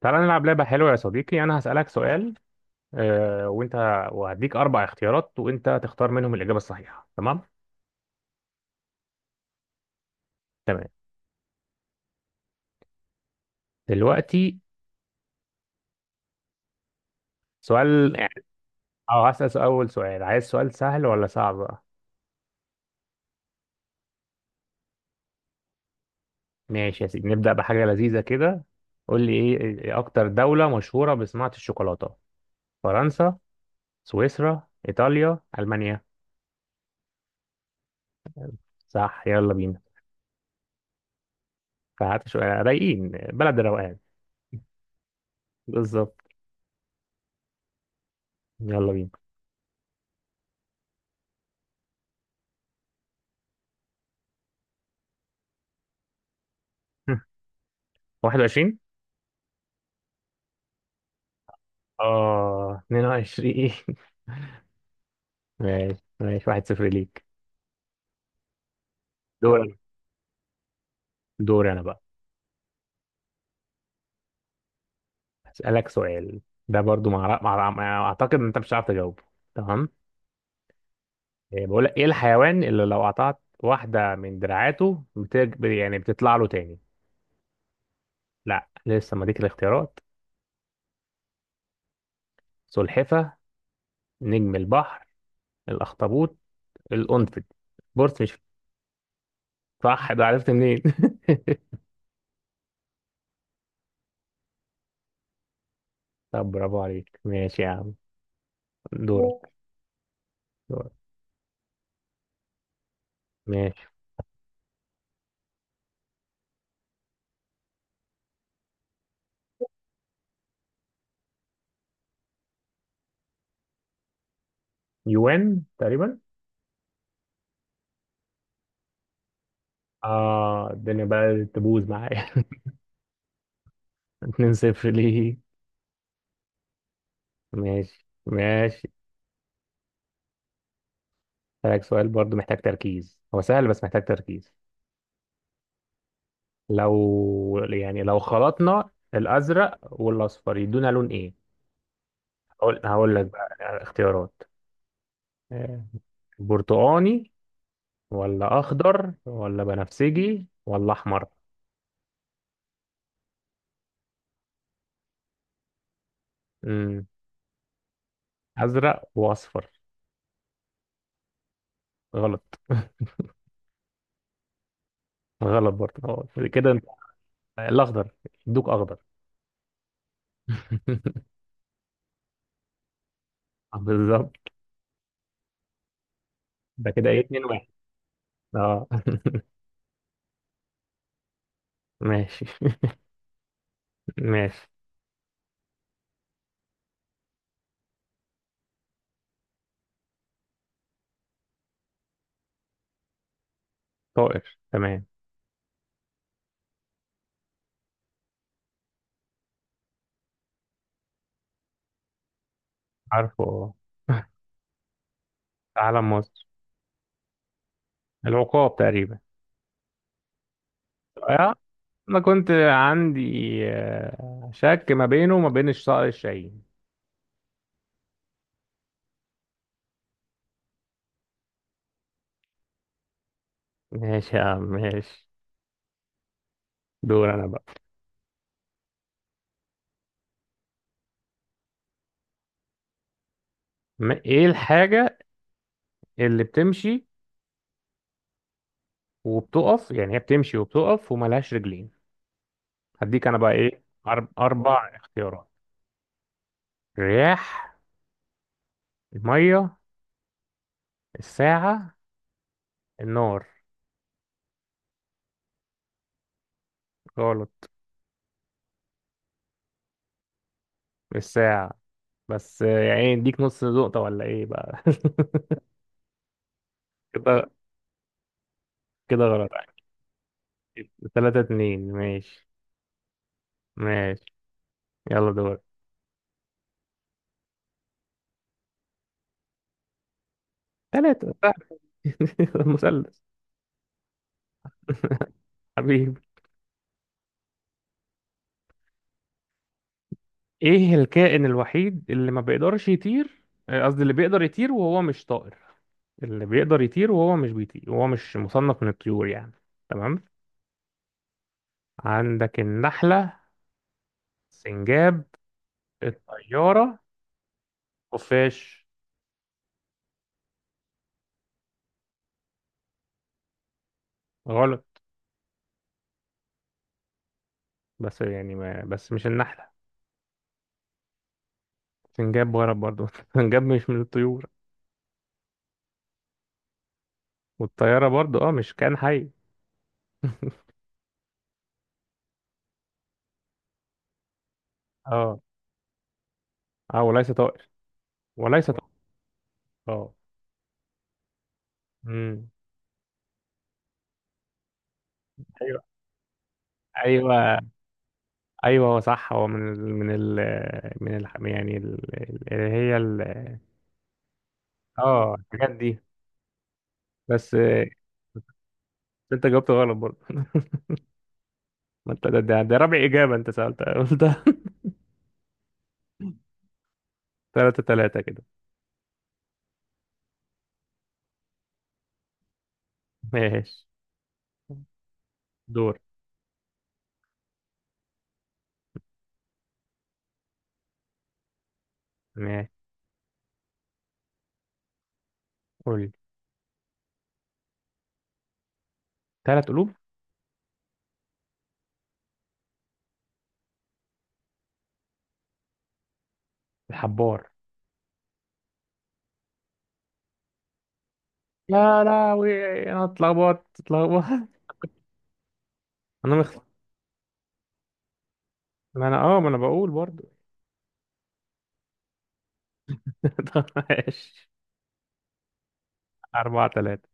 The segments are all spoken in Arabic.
تعالى نلعب لعبة حلوة يا صديقي. أنا هسألك سؤال، وأنت وهديك أربع اختيارات وأنت تختار منهم الإجابة الصحيحة، تمام؟ تمام. دلوقتي سؤال يعني. أول سؤال، عايز سؤال سهل ولا صعب بقى؟ ماشي يا سيدي، نبدأ بحاجة لذيذة كده. قول لي إيه، أكتر دولة مشهورة بصناعة الشوكولاتة؟ فرنسا، سويسرا، إيطاليا، ألمانيا. صح، يلا بينا. فهات شوية رايقين، بلد الروقان. بالظبط. يلا بينا. 21. اه، 22. ماشي ماشي، 1-0 ليك. دور انا دور انا بقى. هسألك سؤال. ده برضو اعتقد ان انت مش هتعرف تجاوبه، تمام؟ بقول لك، ايه الحيوان اللي لو قطعت واحدة من دراعاته يعني بتطلع له تاني؟ لا، لسه ما ديك الاختيارات. سلحفة، نجم البحر، الاخطبوط، القنفذ. بورس مش. صح، ده عرفت منين؟ طب برافو عليك، ماشي يا عم. دورك. دورك. ماشي. يوان تقريبا. اه الدنيا بقى تبوظ معايا. 2-0 ليه. ماشي ماشي. هسألك سؤال برضو، محتاج تركيز، هو سهل بس محتاج تركيز. لو خلطنا الأزرق والأصفر يدونا لون إيه؟ هقول لك بقى. اختيارات. آه، برتقاني ولا أخضر ولا بنفسجي ولا أحمر. مم. أزرق وأصفر. غلط. غلط برضه. كده انت. الأخضر. يدوك أخضر. بالظبط. ده كده إيه 2-1؟ أه. ماشي ماشي. طائر تمام. عارفه اه. في علم مصر. العقاب تقريبا. آه، انا كنت عندي شك ما بينه وما بين الصقر الشاهين. ماشي يا عم ماشي. دور انا بقى. ايه الحاجة اللي بتمشي وبتقف، يعني هي بتمشي وبتقف وملهاش رجلين؟ هديك انا بقى ايه اربع اختيارات. الرياح، المية، الساعة، النار. غلط. الساعة. بس يعني اديك نص نقطة ولا ايه بقى؟ كده غلط. 3-2. ماشي ماشي. يلا دور. ثلاثة صاحبي. المثلث. حبيبي. ايه الكائن الوحيد اللي ما بيقدرش يطير؟ قصدي اللي بيقدر يطير وهو مش طائر، اللي بيقدر يطير وهو مش بيطير وهو مش مصنف من الطيور يعني، تمام؟ عندك النحلة، سنجاب، الطيارة، خفاش. غلط. بس يعني ما بس مش النحلة. سنجاب غلط برضو. سنجاب مش من الطيور. والطيارة برضو اه مش كائن حي. اه. اه وليس طائر، وليس طائر. اه. امم. ايوه، ايوه، ايوه، هو صح. هو من ال يعني اللي هي ال. اه الحاجات دي. بس انت جاوبت غلط برضه. ما انت ده رابع اجابه انت سالتها. قلت 3-3. كده ماشي. دور. ماشي. قول لي. 3 قلوب. الحبار. يا لهوي. انا اتلخبطت اتلخبطت. انا مخ... ما انا بقول برضه. طب ماشي. 4-3.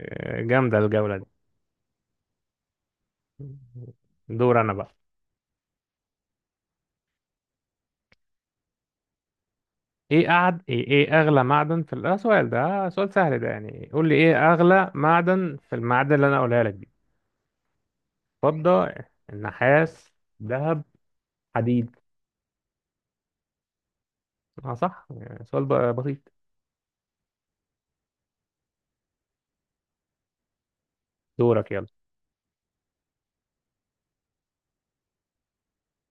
جامدة الجولة دي. دور أنا بقى. إيه أغلى معدن في سؤال ده. سؤال سهل ده، يعني قول لي إيه أغلى معدن في المعادن اللي أنا قولها لك دي. فضة، النحاس، ذهب، حديد. آه صح، يعني سؤال بسيط. دورك يلا.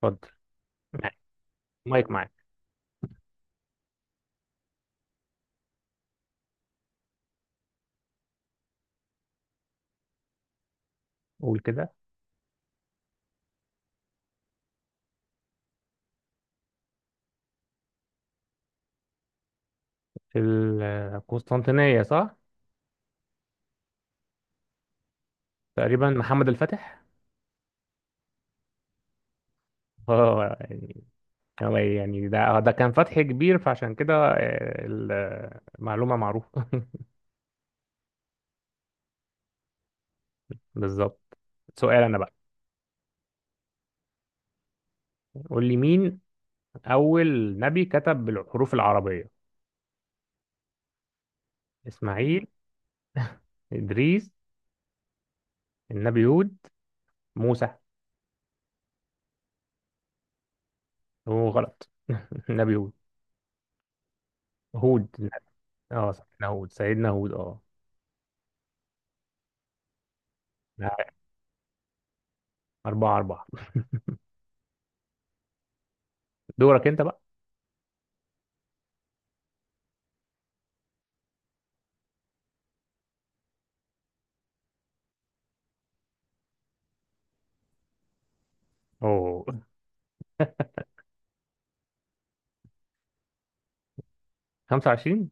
اتفضل. معاك. مايك معاك. قول كده. في القسطنطينية؟ صح. تقريبا محمد الفاتح. اه يعني، هو يعني ده كان فتح كبير، فعشان كده المعلومة معروفة. بالظبط. سؤال انا بقى. قول لي مين اول نبي كتب بالحروف العربية؟ اسماعيل، ادريس، النبي هود، موسى. هو غلط. النبي هود. هود. اه سيدنا هود، سيدنا هود، اه. 4-4. دورك أنت بقى. أوه. 25.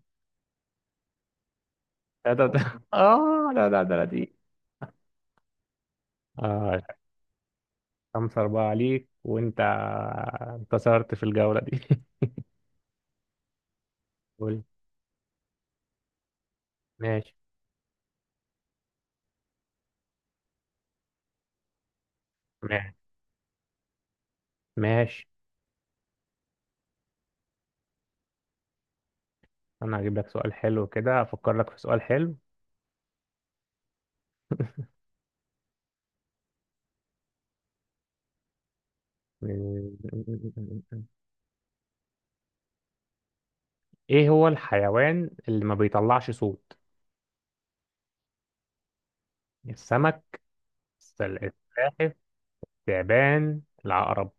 لا ده ده. آه لا لا ده دي. آه. 5-4 عليك، وأنت انتصرت في الجولة دي. قول. ماشي ماشي ماشي. أنا هجيب لك سؤال حلو كده، أفكر لك في سؤال حلو. ايه هو الحيوان اللي ما بيطلعش صوت؟ السمك، السلاحف، التعبان، العقرب.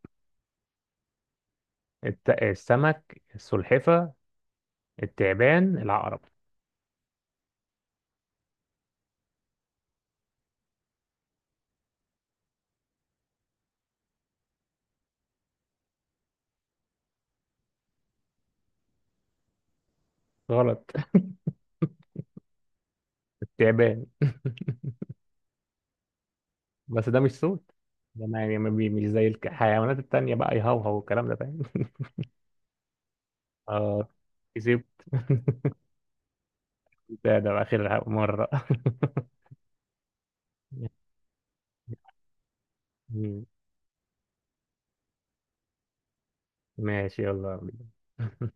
السمك، السلحفة، التعبان، العقرب. غلط. التعبان. بس ده مش صوت. ده ما يعني ما بي- مش زي الحيوانات التانية بقى، يهوهو والكلام ده، فاهم؟ اه. كسبت. ده بقى آخر مرة. ماشي، يلا بينا.